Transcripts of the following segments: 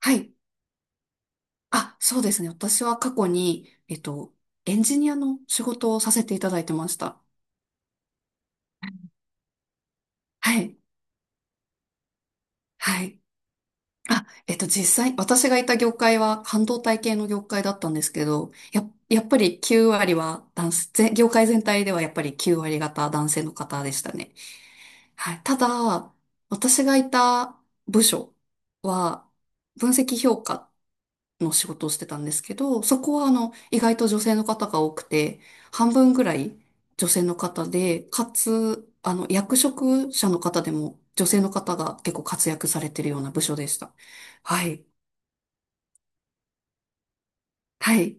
はい。そうですね。私は過去に、エンジニアの仕事をさせていただいてました。はい。はい。実際、私がいた業界は半導体系の業界だったんですけど、やっぱり9割は男性、業界全体ではやっぱり9割方男性の方でしたね。はい。ただ、私がいた部署は、分析評価の仕事をしてたんですけど、そこはあの、意外と女性の方が多くて、半分ぐらい女性の方で、かつ、あの、役職者の方でも女性の方が結構活躍されてるような部署でした。はい。はい。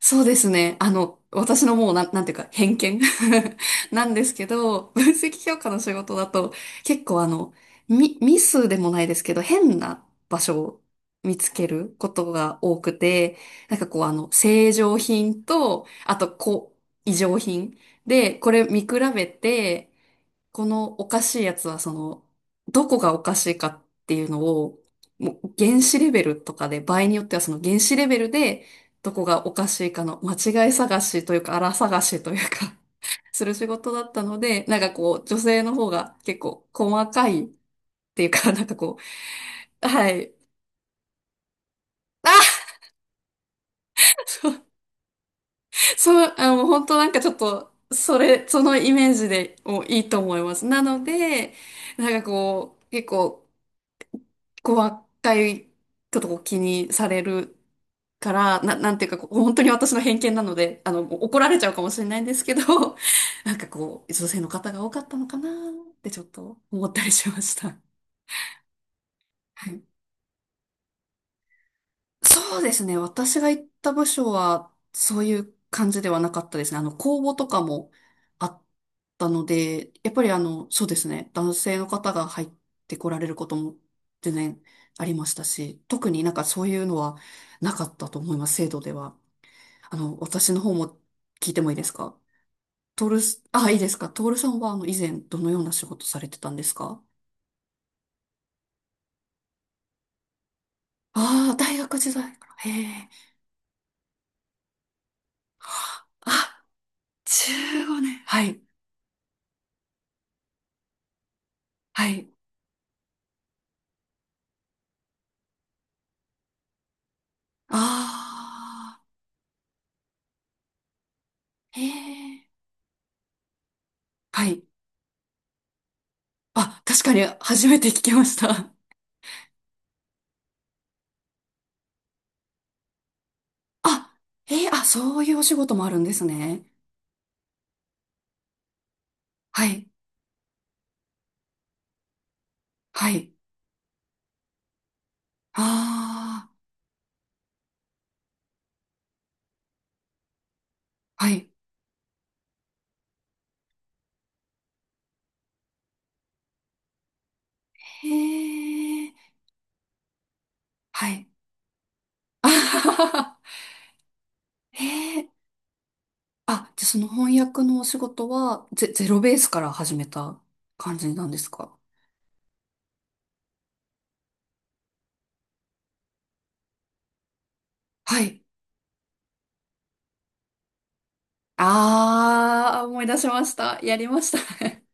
そうですね。私のもうなん、なんていうか、偏見 なんですけど、分析評価の仕事だと、結構あの、ミスでもないですけど、変な場所を見つけることが多くて、なんかこうあの、正常品と、あと、こう、異常品で、これ見比べて、このおかしいやつはその、どこがおかしいかっていうのを、もう原子レベルとかで、場合によってはその原子レベルで、どこがおかしいかの間違い探しというか、粗探しというか する仕事だったので、なんかこう、女性の方が結構細かいっていうか、なんかこう、はい。あ、そう、そう、もう本当なんかちょっと、そのイメージでもういいと思います。なので、なんかこう、結構、こう若いことを気にされるから、なんていうか、こう本当に私の偏見なので、あの、怒られちゃうかもしれないんですけど、なんかこう、女性の方が多かったのかなってちょっと思ったりしました。はい。そうですね。私が行った部署は、そういう感じではなかったですね。あの、公募とかもあったので、やっぱりあの、そうですね。男性の方が入ってこられることも全然ありましたし、特になんかそういうのはなかったと思います、制度では。あの、私の方も聞いてもいいですか？トールス、あ、いいですか。トールさんはあの、以前どのような仕事されてたんですか？ああー、大学時代から。へえ。あ、15年。はい。はい。ああ、へえ。はい。あ、確かに初めて聞きました。あ、えー、あ、そういうお仕事もあるんですね。はい。はい。ああ、はい。へえ。はい。あはははへえ。あ、じゃあその翻訳のお仕事はゼロベースから始めた感じなんですか？はい。ああ、思い出しました。やりましたね。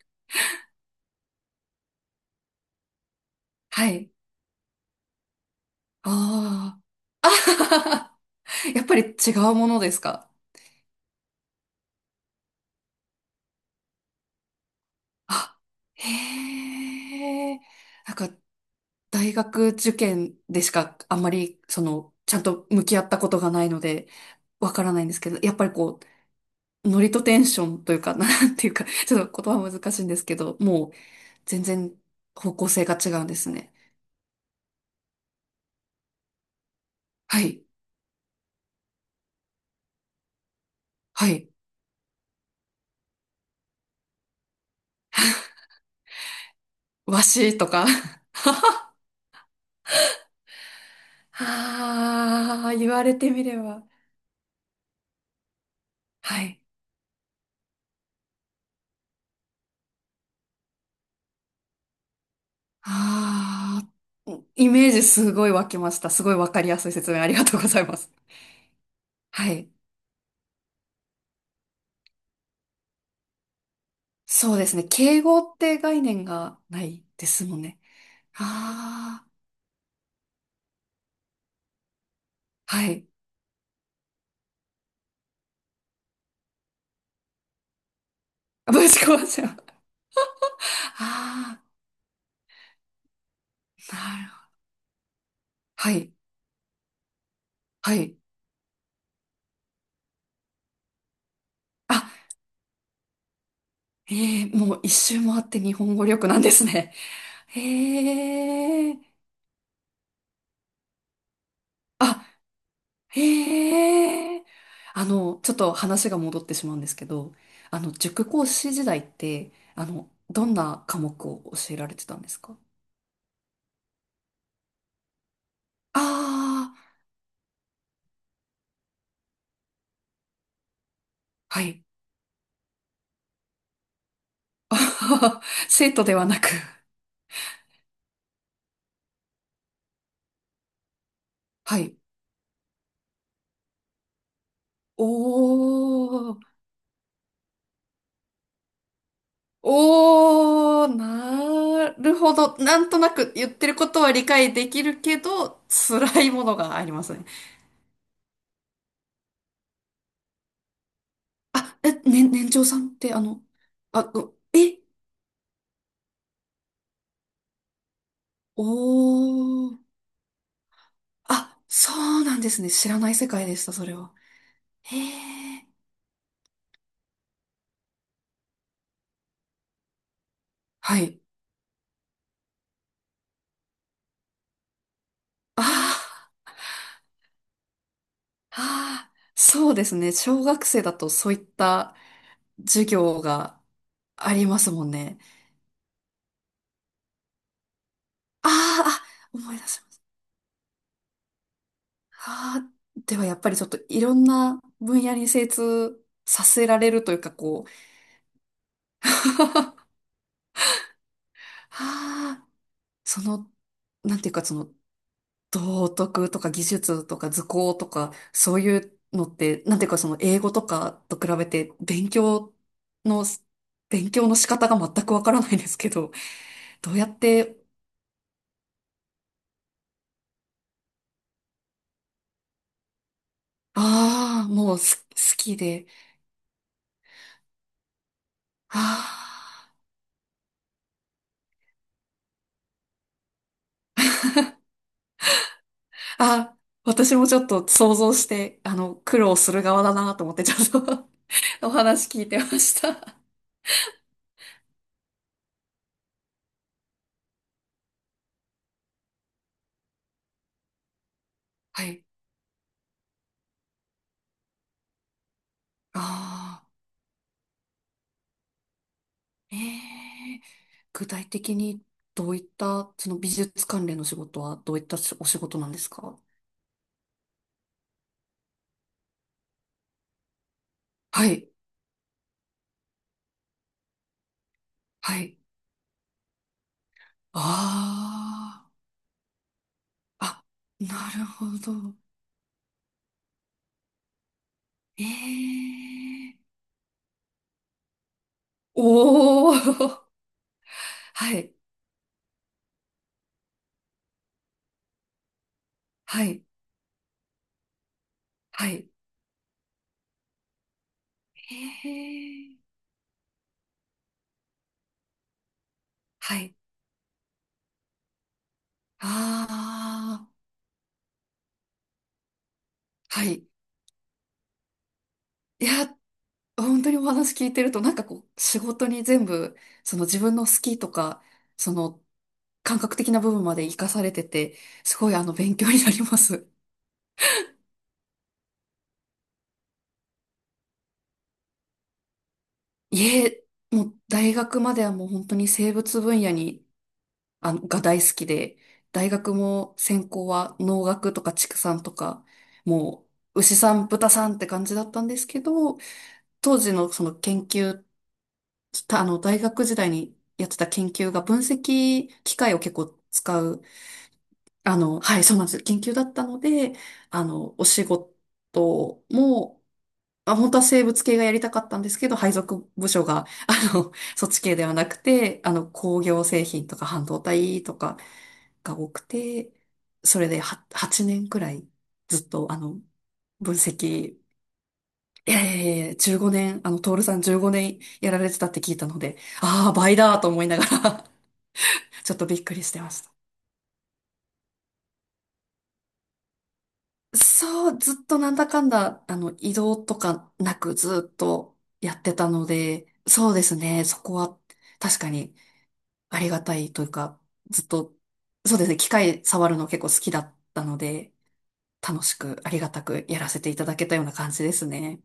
はい。ああ。やっぱり違うものですか？あ、へえ。なんか、大学受験でしかあんまり、その、ちゃんと向き合ったことがないので、わからないんですけど、やっぱりこう、ノリとテンションというか、なんていうか、ちょっと言葉は難しいんですけど、もう全然方向性が違うんですね。はい、はい、わしとか。ああ、言われてみれば。はい。ああ、イメージすごい湧きました。すごいわかりやすい説明ありがとうございます。はい。そうですね。敬語って概念がないですもんね。ああ、はい。あぶち壊しちゃう。ああ、なるほど。はい、はい。あ、ええもう一周回って日本語力なんですね。へえ、あ、へえ。あの、ちょっと話が戻ってしまうんですけど、あの、塾講師時代って、あの、どんな科目を教えられてたんですか？ああー、はい。あはは生徒ではなく、はい。おー、おー、なるほど。なんとなく言ってることは理解できるけど、辛いものがありますね。あ、え、ね、年長さんってあの、あ、うえ、おー、あ、そうなんですね。知らない世界でした、それは。へー、はい。あー、あー、そうですね。小学生だとそういった授業がありますもんね。あー、あ、思い出しました。はあ、ではやっぱりちょっといろんな分野に精通させられるというかこう、はあ、その、なんていうかその道徳とか技術とか図工とかそういうのって、なんていうかその英語とかと比べて勉強の、勉強の仕方が全くわからないですけど、どうやって、ああ、もうす好きで、あああ、私もちょっと想像して、あの、苦労する側だなと思って、ちょっと お話聞いてました。はい。ああ、ええ具体的にどういった、その美術関連の仕事はどういったお仕事なんですか？はい、はい。ああ、あ、なるほど。ええおおー、はい、はい、はい。ええはい。ああ、はい。いや、本当にお話聞いてると、なんかこう、仕事に全部、その自分の好きとか、その感覚的な部分まで活かされてて、すごいあの、勉強になります。いえ、もう大学まではもう本当に生物分野に、が大好きで、大学も専攻は農学とか畜産とか、もう牛さん、豚さんって感じだったんですけど、当時のその研究ちょっとあの、大学時代にやってた研究が分析機械を結構使う、あの、はい、そうなんです。研究だったので、あの、お仕事も、あ、本当は生物系がやりたかったんですけど、配属部署が、あの、そっち系ではなくて、あの、工業製品とか半導体とかが多くて、それでは8、年くらいずっと、あの、分析いやいやいや15年、あの、トールさん15年やられてたって聞いたので、ああ、倍だと思いながら ちょっとびっくりしてました。そう、ずっとなんだかんだ、あの、移動とかなくずっとやってたので、そうですね、そこは確かにありがたいというか、ずっと、そうですね、機械触るの結構好きだったので、楽しくありがたくやらせていただけたような感じですね。